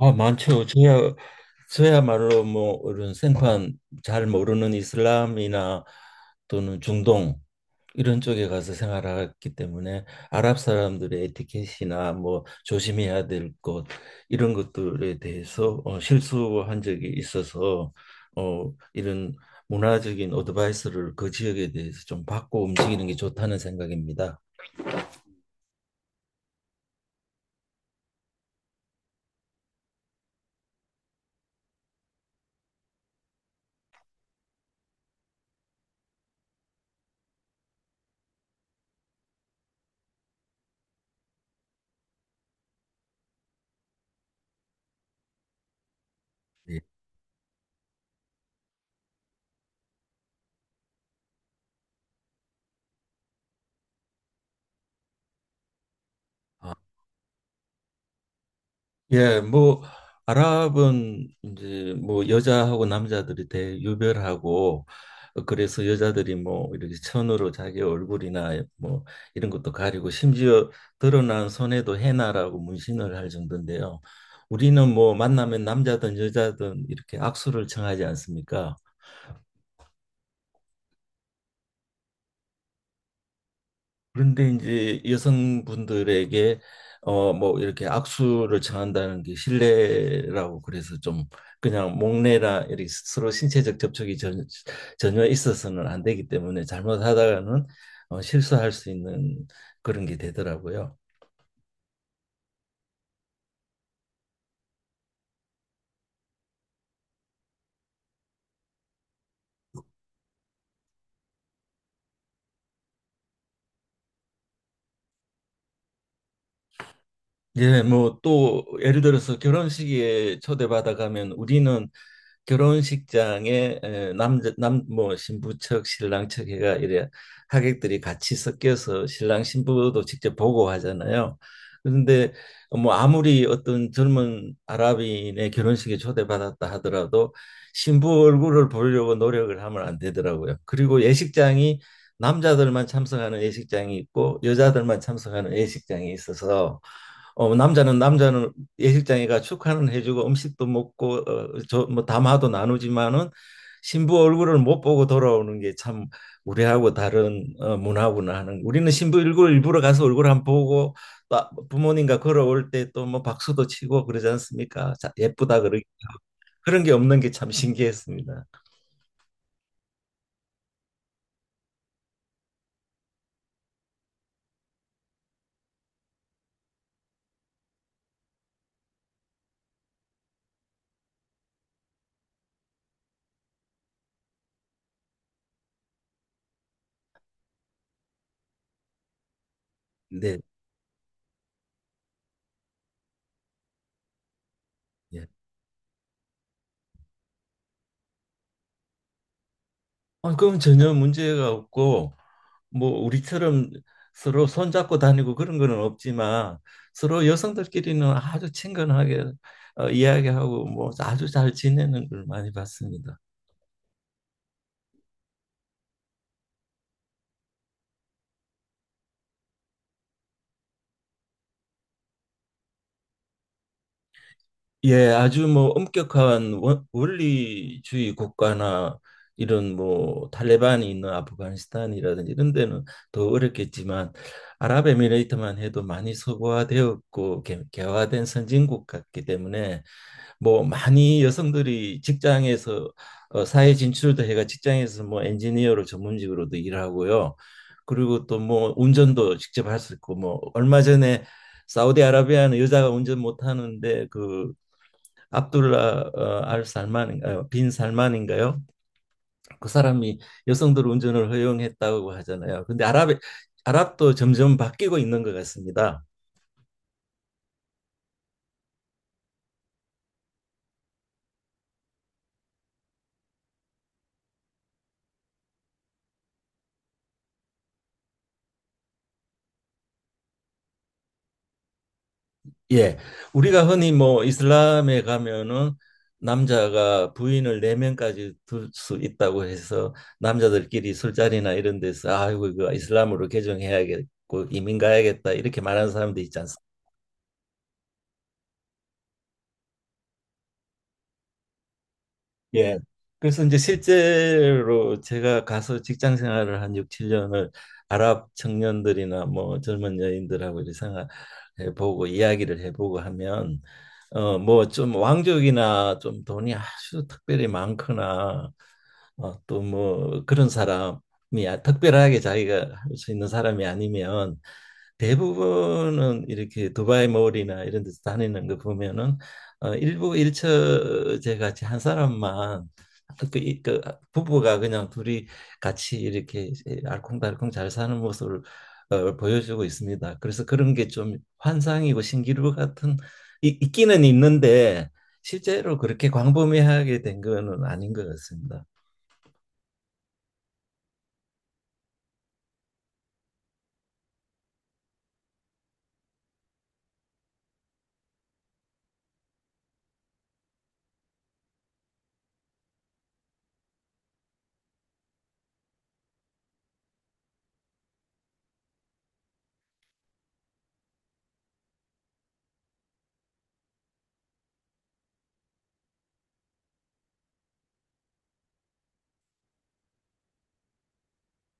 아, 많죠. 저야말로 뭐 이런 생판 잘 모르는 이슬람이나 또는 중동 이런 쪽에 가서 생활했기 때문에 아랍 사람들의 에티켓이나 뭐 조심해야 될 것 이런 것들에 대해서 실수한 적이 있어서 이런 문화적인 어드바이스를 그 지역에 대해서 좀 받고 움직이는 게 좋다는 생각입니다. 네. 예, 뭐 아랍은 이제 뭐 여자하고 남자들이 대유별하고 그래서 여자들이 뭐 이렇게 천으로 자기 얼굴이나 뭐 이런 것도 가리고 심지어 드러난 손에도 헤나라고 문신을 할 정도인데요. 우리는 뭐 만나면 남자든 여자든 이렇게 악수를 청하지 않습니까? 그런데 이제 여성분들에게 뭐 이렇게 악수를 청한다는 게 실례라고 그래서 좀 그냥 목례나 이렇게 서로 신체적 접촉이 전혀 있어서는 안 되기 때문에 잘못하다가는 실수할 수 있는 그런 게 되더라고요. 예, 뭐 또 예를 들어서 결혼식에 초대받아 가면 우리는 결혼식장에 에, 남자 남 뭐 신부 측 신랑 측 해가 이래 하객들이 같이 섞여서 신랑 신부도 직접 보고 하잖아요. 그런데 뭐 아무리 어떤 젊은 아랍인의 결혼식에 초대받았다 하더라도 신부 얼굴을 보려고 노력을 하면 안 되더라고요. 그리고 예식장이 남자들만 참석하는 예식장이 있고 여자들만 참석하는 예식장이 있어서 어, 남자는 예식장에가 축하는 해주고 음식도 먹고 어, 저, 뭐 담화도 나누지만은 신부 얼굴을 못 보고 돌아오는 게 참 우리하고 다른 어, 문화구나 하는 우리는 신부 얼굴 일부러 가서 얼굴 한번 보고 또 부모님과 걸어올 때 또 뭐 박수도 치고 그러지 않습니까? 자, 예쁘다 그러 그런 게 없는 게 참 신기했습니다. 네. 예. 아, 그럼 전혀 문제가 없고 뭐 우리처럼 서로 손잡고 다니고 그런 거는 없지만 서로 여성들끼리는 아주 친근하게 이야기하고 뭐 아주 잘 지내는 걸 많이 봤습니다. 예, 아주 뭐 엄격한 원리주의 국가나 이런 뭐 탈레반이 있는 아프가니스탄이라든지 이런 데는 더 어렵겠지만 아랍에미레이트만 해도 많이 서구화되었고 개화된 선진국 같기 때문에 뭐 많이 여성들이 직장에서 사회 진출도 해가 직장에서 뭐 엔지니어로 전문직으로도 일하고요. 그리고 또 뭐 운전도 직접 할 수 있고 뭐 얼마 전에 사우디아라비아는 여자가 운전 못 하는데 그 압둘라 어, 알 살만인가요? 빈 살만인가요? 그 사람이 여성들 운전을 허용했다고 하잖아요. 근데 아랍도 점점 바뀌고 있는 것 같습니다. 예, 우리가 흔히 뭐 이슬람에 가면은 남자가 부인을 네 명까지 둘 수 있다고 해서 남자들끼리 술자리나 이런 데서 아이고 이거 이슬람으로 개종해야겠고 이민 가야겠다 이렇게 말하는 사람도 있지 예. 그래서 이제 실제로 제가 가서 직장 생활을 한 6, 7년을 아랍 청년들이나 뭐 젊은 여인들하고 이렇게 생활해 보고 이야기를 해보고 하면 뭐 좀 왕족이나 좀 돈이 아주 특별히 많거나 어, 또 뭐 그런 사람이 특별하게 자기가 할 수 있는 사람이 아니면 대부분은 이렇게 두바이 몰이나 이런 데서 다니는 거 보면은 어, 일부 일처제 같이 한 사람만 그 부부가 그냥 둘이 같이 이렇게 알콩달콩 잘 사는 모습을 보여주고 있습니다. 그래서 그런 게 좀 환상이고 신기루 같은 있기는 있는데 실제로 그렇게 광범위하게 된 거는 아닌 것 같습니다.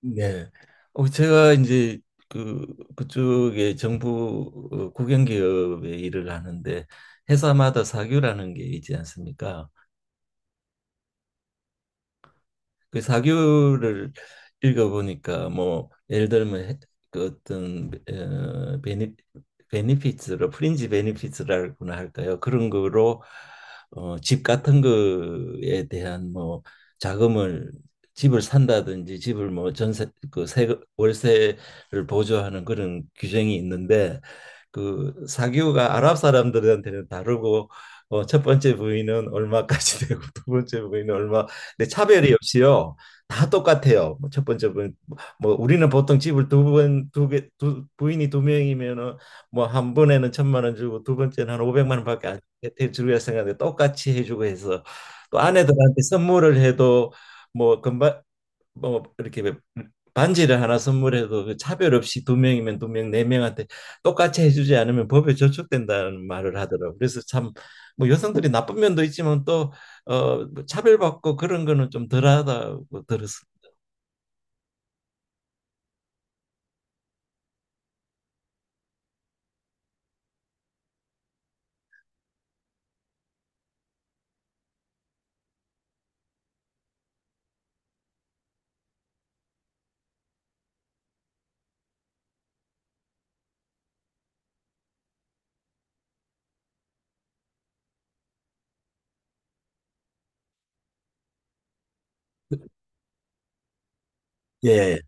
네. 어, 제가 이제 그 그쪽에 정부 어, 국영기업에 일을 하는데 회사마다 사규라는 게 있지 않습니까? 그 사교를 읽어보니까 뭐 예를 들면 그 어떤 어, 베니피츠로 프린지 베니피츠라고나 할까요? 그런 거로 어, 집 같은 거에 대한 뭐 자금을 집을 산다든지 집을 뭐 전세 그 세금 월세를 보조하는 그런 규정이 있는데 그 사교가 아랍 사람들한테는 다르고 어, 첫 번째 부인은 얼마까지 되고 두 번째 부인은 얼마 근데 차별이 없이요. 다 똑같아요. 뭐첫 번째 분, 뭐 우리는 보통 집을 두 번, 두 개, 두 부인이 두 명이면은 뭐 한 번에는 1,000만 원 주고 두 번째는 한 오백만 원밖에 안 혜택 주려 생각하는데 똑같이 해주고 해서 또 아내들한테 선물을 해도 뭐 금방 뭐 이렇게 반지를 하나 선물해도 그 차별 없이 두 명이면 두 명, 네 명한테 똑같이 해주지 않으면 법에 저촉된다는 말을 하더라고. 그래서 참 뭐 여성들이 나쁜 면도 있지만 또 어, 뭐 차별받고 그런 거는 좀 덜하다고 들었어. 예.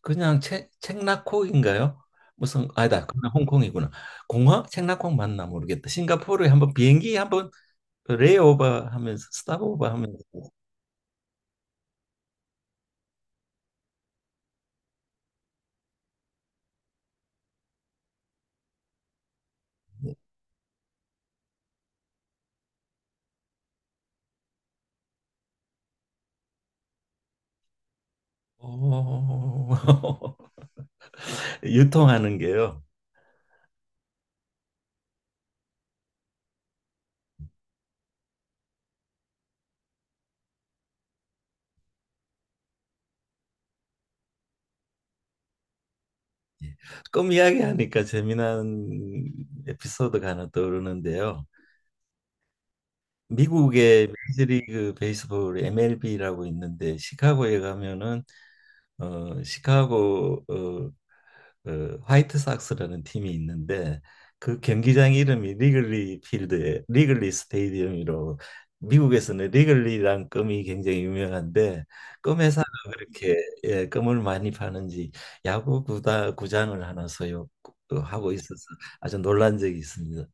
그냥 책 책나코인가요? 무슨 아니다. 그냥 홍콩이구나. 공항 책나콩 맞나 모르겠다. 싱가포르에 한번 비행기 한번 레이오버 하면서 스탑오버 하면서 오, 유통하는 게요. 꿈 이야기하니까 재미난 에피소드가 하나 떠오르는데요. 미국의 메이저리그 베이스볼 MLB라고 있는데 시카고에 가면은 어 시카고 어 그 화이트삭스라는 팀이 있는데 그 경기장 이름이 리글리 필드에 리글리 스테디움이로 미국에서는 리글리란 껌이 굉장히 유명한데 껌 회사가 그렇게 예, 껌을 많이 파는지 야구 구다 구장을 하나 소유하고 있어서 아주 놀란 적이 있습니다.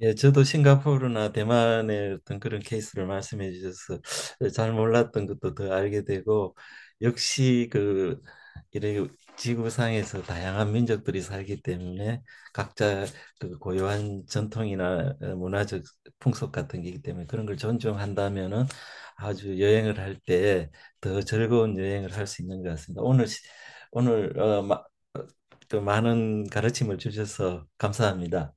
예, 저도 싱가포르나 대만의 어떤 그런 케이스를 말씀해 주셔서 예, 잘 몰랐던 것도 더 알게 되고 역시 그이게 지구상에서 다양한 민족들이 살기 때문에 각자 그 고유한 전통이나 어, 문화적 풍속 같은 게 있기 때문에 그런 걸 존중한다면은 아주 여행을 할 때 더 즐거운 여행을 할 수 있는 것 같습니다. 오늘 또 많은 가르침을 주셔서 감사합니다.